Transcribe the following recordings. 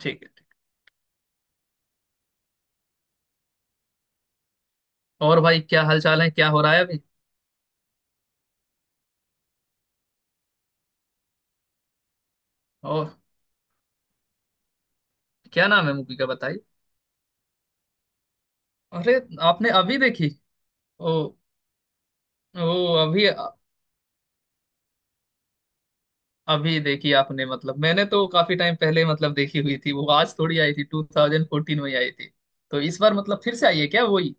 ठीक है। और भाई क्या हालचाल है, क्या हो रहा है अभी। और क्या नाम है मूवी का बताइए। अरे आपने अभी देखी। ओ। ओ अभी। अभी देखी आपने, मतलब मैंने तो काफी टाइम पहले मतलब देखी हुई थी, वो आज थोड़ी आई थी, 2014 में ही आई थी। तो इस बार मतलब फिर से आई है क्या वही।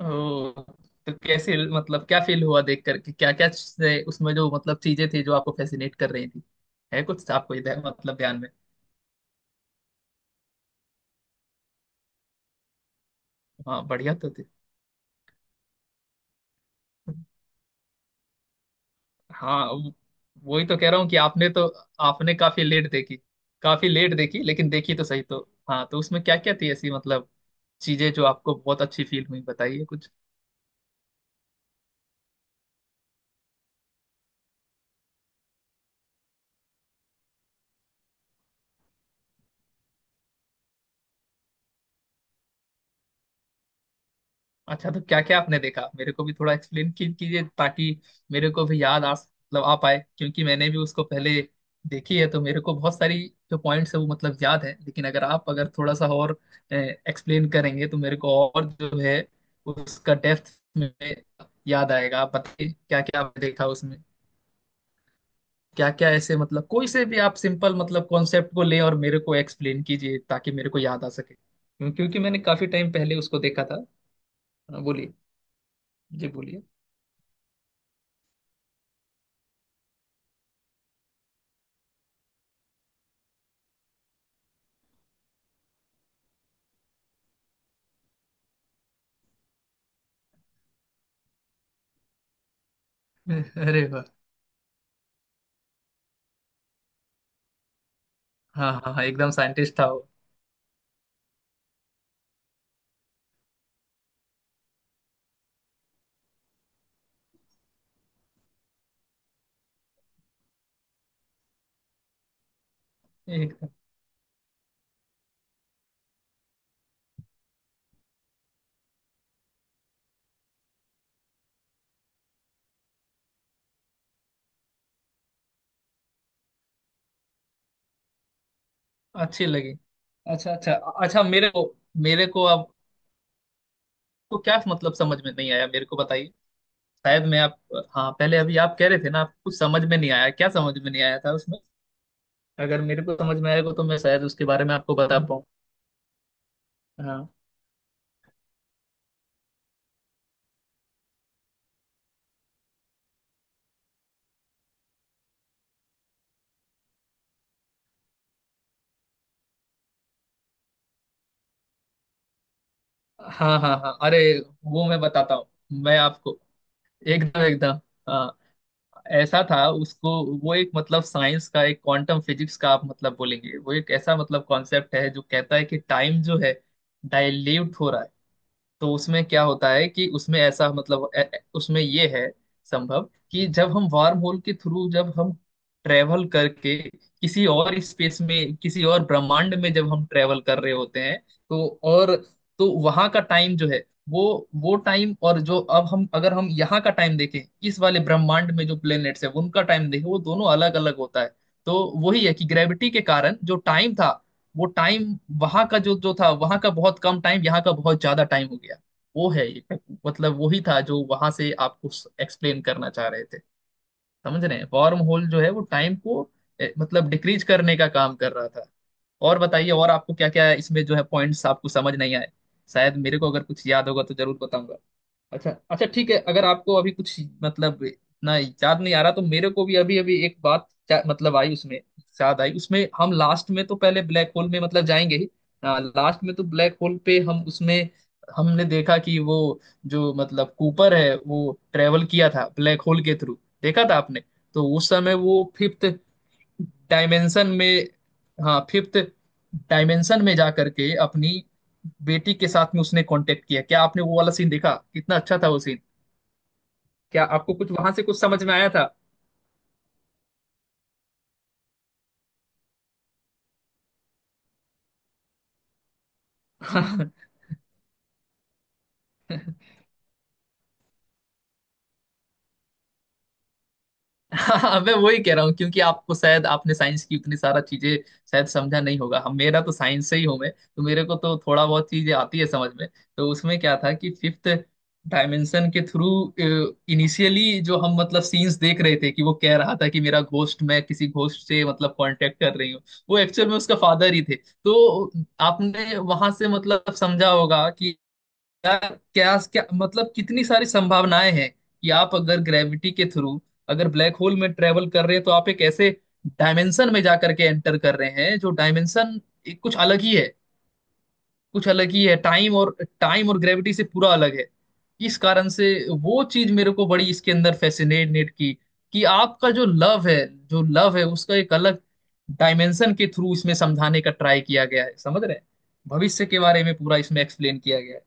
ओ। तो कैसे, मतलब क्या फील हुआ देख करके, क्या क्या उसमें जो मतलब चीजें थी जो आपको फैसिनेट कर रही थी, है कुछ आपको इधर मतलब ध्यान में। हाँ बढ़िया, तो थी। हाँ वही तो कह रहा हूँ कि आपने तो आपने काफी लेट देखी, काफी लेट देखी लेकिन देखी तो सही। तो हाँ, तो उसमें क्या क्या थी ऐसी मतलब चीजें जो आपको बहुत अच्छी फील हुई बताइए कुछ। अच्छा तो क्या क्या आपने देखा, मेरे को भी थोड़ा एक्सप्लेन कीजिए ताकि मेरे को भी याद आ, मतलब आ पाए, क्योंकि मैंने भी उसको पहले देखी है, तो मेरे को बहुत सारी जो पॉइंट्स है वो मतलब याद है, लेकिन अगर आप, अगर थोड़ा सा और एक्सप्लेन करेंगे तो मेरे को और जो है उसका डेप्थ में याद आएगा। आप बताइए क्या क्या आपने देखा उसमें। क्या क्या ऐसे मतलब कोई से भी आप सिंपल मतलब कॉन्सेप्ट को ले और मेरे को एक्सप्लेन कीजिए ताकि मेरे को याद आ सके, क्योंकि मैंने काफी टाइम पहले उसको देखा था। हाँ, बोलिए। जी बोलिए। अरे वाह। हाँ हाँ हाँ, एकदम साइंटिस्ट था वो। एकदम। अच्छी लगी। अच्छा अच्छा। अच्छा मेरे को, मेरे को अब तो क्या मतलब समझ में नहीं आया, मेरे को बताइए। शायद मैं आप। हाँ पहले अभी आप कह रहे थे ना, आप कुछ समझ में नहीं आया, क्या समझ में नहीं आया था उसमें। अगर मेरे को समझ में आएगा तो मैं शायद उसके बारे में आपको बता पाऊँ। हाँ हाँ हाँ हाँ अरे वो मैं बताता हूँ, मैं आपको एकदम एकदम, हाँ ऐसा था उसको। वो एक मतलब साइंस का, एक क्वांटम फिजिक्स का आप मतलब बोलेंगे, वो एक ऐसा मतलब कॉन्सेप्ट है जो कहता है कि टाइम जो है डाइल्यूट हो रहा है। तो उसमें क्या होता है कि उसमें ऐसा मतलब उसमें ये है संभव कि जब हम वार्म होल के थ्रू जब हम ट्रेवल करके किसी और स्पेस में किसी और ब्रह्मांड में जब हम ट्रेवल कर रहे होते हैं तो, और तो वहां का टाइम जो है, वो वो टाइम, और जो अब हम, अगर हम यहाँ का टाइम देखें, इस वाले ब्रह्मांड में जो प्लेनेट्स है उनका टाइम देखें, वो दोनों अलग अलग होता है। तो वही है कि ग्रेविटी के कारण जो टाइम था वो टाइम, वहां का जो जो था, वहां का बहुत कम टाइम, यहाँ का बहुत ज्यादा टाइम हो गया। वो है एक मतलब वही था जो वहां से आपको एक्सप्लेन करना चाह रहे थे। समझ रहे हैं, वॉर्म होल जो है वो टाइम को मतलब डिक्रीज करने का काम कर रहा था। और बताइए, और आपको क्या क्या इसमें जो है पॉइंट्स आपको समझ नहीं आए, शायद मेरे को अगर कुछ याद होगा तो जरूर बताऊंगा। अच्छा अच्छा, ठीक है, अगर आपको अभी कुछ मतलब इतना याद नहीं आ रहा तो मेरे को भी अभी अभी एक बात मतलब आई उसमें, याद आई उसमें। हम लास्ट में तो पहले ब्लैक होल में मतलब जाएंगे ही। लास्ट में तो ब्लैक होल पे हम उसमें हमने देखा कि वो जो मतलब कूपर है वो ट्रेवल किया था ब्लैक होल के थ्रू। देखा था आपने। तो उस समय वो फिफ्थ डायमेंशन में, हाँ फिफ्थ डायमेंशन में जा करके अपनी बेटी के साथ में उसने कांटेक्ट किया, क्या आपने वो वाला सीन देखा, कितना अच्छा था वो सीन। क्या आपको कुछ वहां से कुछ समझ में आया। था। हाँ मैं वही कह रहा हूँ क्योंकि आपको शायद आपने साइंस की उतनी सारा चीजें शायद समझा नहीं होगा। हम, मेरा तो साइंस से ही हूँ मैं, तो मेरे को तो थोड़ा बहुत चीजें आती है समझ में। तो उसमें क्या था कि फिफ्थ डायमेंशन के थ्रू, इनिशियली जो हम मतलब सीन्स देख रहे थे कि वो कह रहा था कि मेरा घोस्ट, मैं किसी घोस्ट से मतलब कांटेक्ट कर रही हूँ। वो एक्चुअल में उसका फादर ही थे। तो आपने वहां से मतलब समझा होगा कि यार क्या क्या, मतलब कितनी सारी संभावनाएं हैं कि आप अगर ग्रेविटी के थ्रू अगर ब्लैक होल में ट्रेवल कर रहे हैं तो आप एक ऐसे डायमेंशन में जा करके एंटर कर रहे हैं जो डायमेंशन कुछ अलग ही है, कुछ अलग ही है, टाइम और ग्रेविटी से पूरा अलग है, इस कारण से। वो चीज मेरे को बड़ी इसके अंदर फैसिनेट की, कि आपका जो लव है, जो लव है, उसका एक अलग डायमेंशन के थ्रू इसमें समझाने का ट्राई किया गया है। समझ रहे हैं। भविष्य के बारे में पूरा इसमें एक्सप्लेन किया गया है।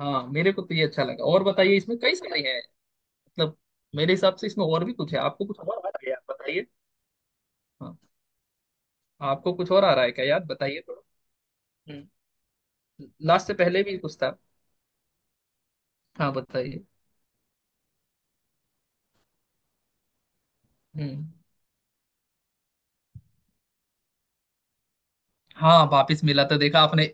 हाँ मेरे को तो ये अच्छा लगा और बताइए, इसमें कई सारे हैं मतलब, मेरे हिसाब से इसमें और भी कुछ है, आपको कुछ और आ रहा है यार बताइए। हाँ आपको कुछ और आ रहा है क्या यार बताइए थोड़ा। हम्म। लास्ट से पहले भी कुछ था। हाँ बताइए। हम्म, हाँ वापिस मिला तो देखा आपने,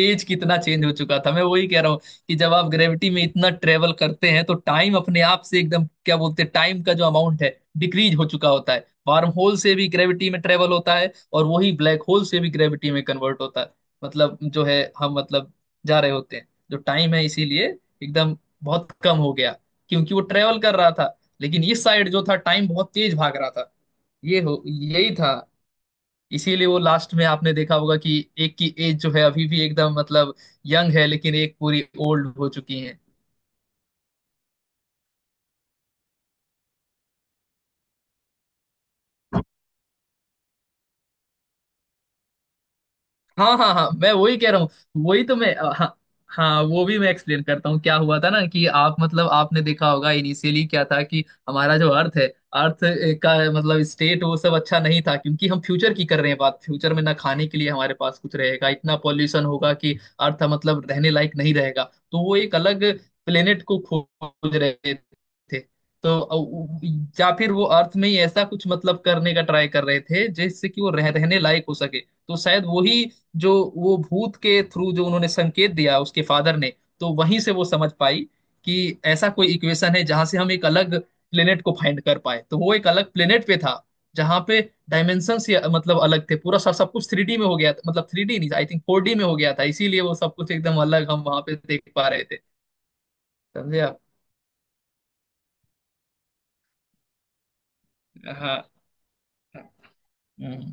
एज कितना चेंज हो चुका था। मैं वही कह रहा हूँ कि जब आप ग्रेविटी में इतना ट्रेवल करते हैं तो टाइम अपने आप से एकदम क्या बोलते हैं, टाइम का जो अमाउंट है डिक्रीज हो चुका होता है। वार्म होल से भी ग्रेविटी में ट्रेवल होता है और वही ब्लैक होल से भी ग्रेविटी में कन्वर्ट होता है। मतलब जो है हम मतलब जा रहे होते हैं, जो टाइम है इसीलिए एकदम बहुत कम हो गया, क्योंकि वो ट्रेवल कर रहा था लेकिन इस साइड जो था टाइम बहुत तेज भाग रहा था। ये हो यही था। इसीलिए वो लास्ट में आपने देखा होगा कि एक की एज जो है अभी भी एकदम मतलब यंग है, लेकिन एक पूरी ओल्ड हो चुकी है। हाँ हाँ हाँ मैं वही कह रहा हूँ, वही तो मैं हाँ। हाँ वो भी मैं एक्सप्लेन करता हूँ, क्या हुआ था ना कि आप मतलब आपने देखा होगा इनिशियली क्या था कि हमारा जो अर्थ है, अर्थ का मतलब स्टेट वो सब अच्छा नहीं था, क्योंकि हम फ्यूचर की कर रहे हैं बात, फ्यूचर में ना खाने के लिए हमारे पास कुछ रहेगा, इतना पॉल्यूशन होगा कि अर्थ मतलब रहने लायक नहीं रहेगा। तो वो एक अलग प्लेनेट को खोज रहे थे। तो या फिर वो अर्थ में ही ऐसा कुछ मतलब करने का ट्राई कर रहे थे जिससे कि वो रहने लायक हो सके, तो शायद वही जो वो भूत के थ्रू जो उन्होंने संकेत दिया उसके फादर ने, तो वहीं से वो समझ पाई कि ऐसा कोई इक्वेशन है जहां से हम एक अलग प्लेनेट को फाइंड कर पाए। तो वो एक अलग प्लेनेट पे था, जहां पे डायमेंशन से मतलब अलग थे, पूरा सब सब कुछ थ्री डी में हो गया था, मतलब थ्री डी नहीं आई थिंक फोर डी में हो गया था, इसीलिए वो सब कुछ एकदम अलग हम वहां पे देख पा रहे थे। समझे आप। हाँ हम्म,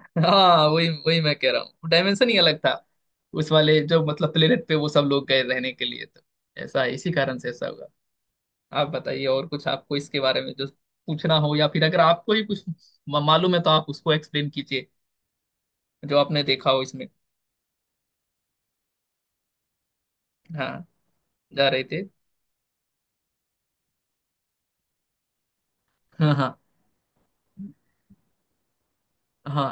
हाँ वही वही मैं कह रहा हूँ डायमेंशन ही अलग था उस वाले जो मतलब प्लेनेट पे, वो सब लोग गए रहने के लिए, तो ऐसा इसी कारण से ऐसा हुआ। आप बताइए और कुछ आपको इसके बारे में जो पूछना हो, या फिर अगर आपको ही कुछ मालूम है तो आप उसको एक्सप्लेन कीजिए जो आपने देखा हो इसमें। हाँ जा रहे थे। हाँ हाँ हाँ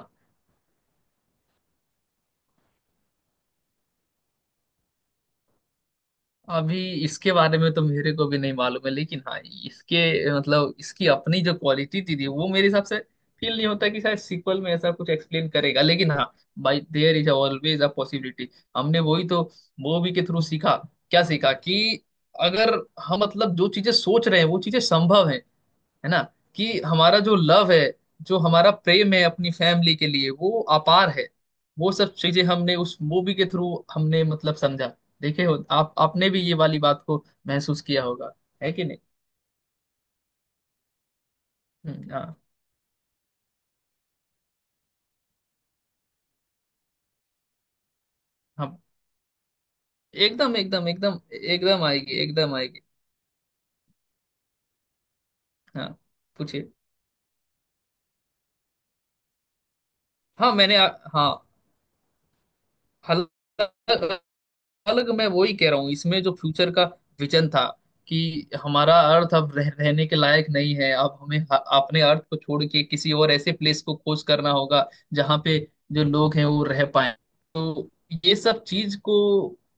अभी इसके बारे में तो मेरे को भी नहीं मालूम है, लेकिन हाँ, इसके मतलब इसकी अपनी जो क्वालिटी थी वो मेरे हिसाब से फील नहीं होता कि शायद सीक्वल में ऐसा कुछ एक्सप्लेन करेगा, लेकिन हाँ by there is always a possibility. हमने वही तो मूवी के थ्रू सीखा, क्या सीखा कि अगर हम मतलब जो चीजें सोच रहे हैं वो चीजें संभव है ना, कि हमारा जो लव है, जो हमारा प्रेम है अपनी फैमिली के लिए वो अपार है, वो सब चीजें हमने उस मूवी के थ्रू हमने मतलब समझा। देखे हो आप, आपने भी ये वाली बात को महसूस किया होगा, है कि नहीं। हाँ। हम। एकदम एकदम एकदम एकदम आएगी, एकदम आएगी। हाँ पूछिए। हाँ मैंने हाँ, हल अलग, मैं वही कह रहा हूँ इसमें जो फ्यूचर का विजन था कि हमारा अर्थ अब रहने के लायक नहीं है, अब हमें अपने अर्थ को छोड़ के किसी और ऐसे प्लेस को खोज करना होगा, जहाँ पे जो लोग हैं वो रह पाए। तो ये सब चीज को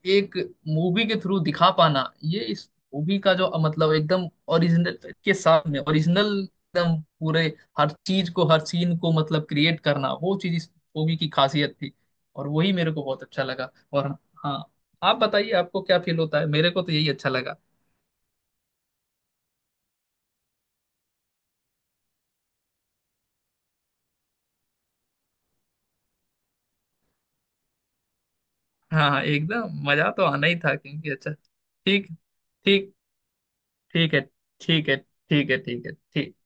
एक मूवी के थ्रू दिखा पाना, ये इस मूवी का जो मतलब एकदम ओरिजिनल, के साथ में ओरिजिनल एकदम पूरे हर चीज को हर सीन को मतलब क्रिएट करना, वो चीज इस मूवी की खासियत थी, और वही मेरे को बहुत अच्छा लगा। और हाँ, आप बताइए, आपको क्या फील होता है, मेरे को तो यही अच्छा लगा। हाँ हाँ एकदम मजा तो आना ही था क्योंकि अच्छा। ठीक। ठीक। ठीक है ठीक है ठीक है ठीक है ठीक।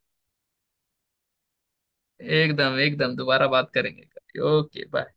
एकदम एकदम दोबारा बात करेंगे। Okay bye.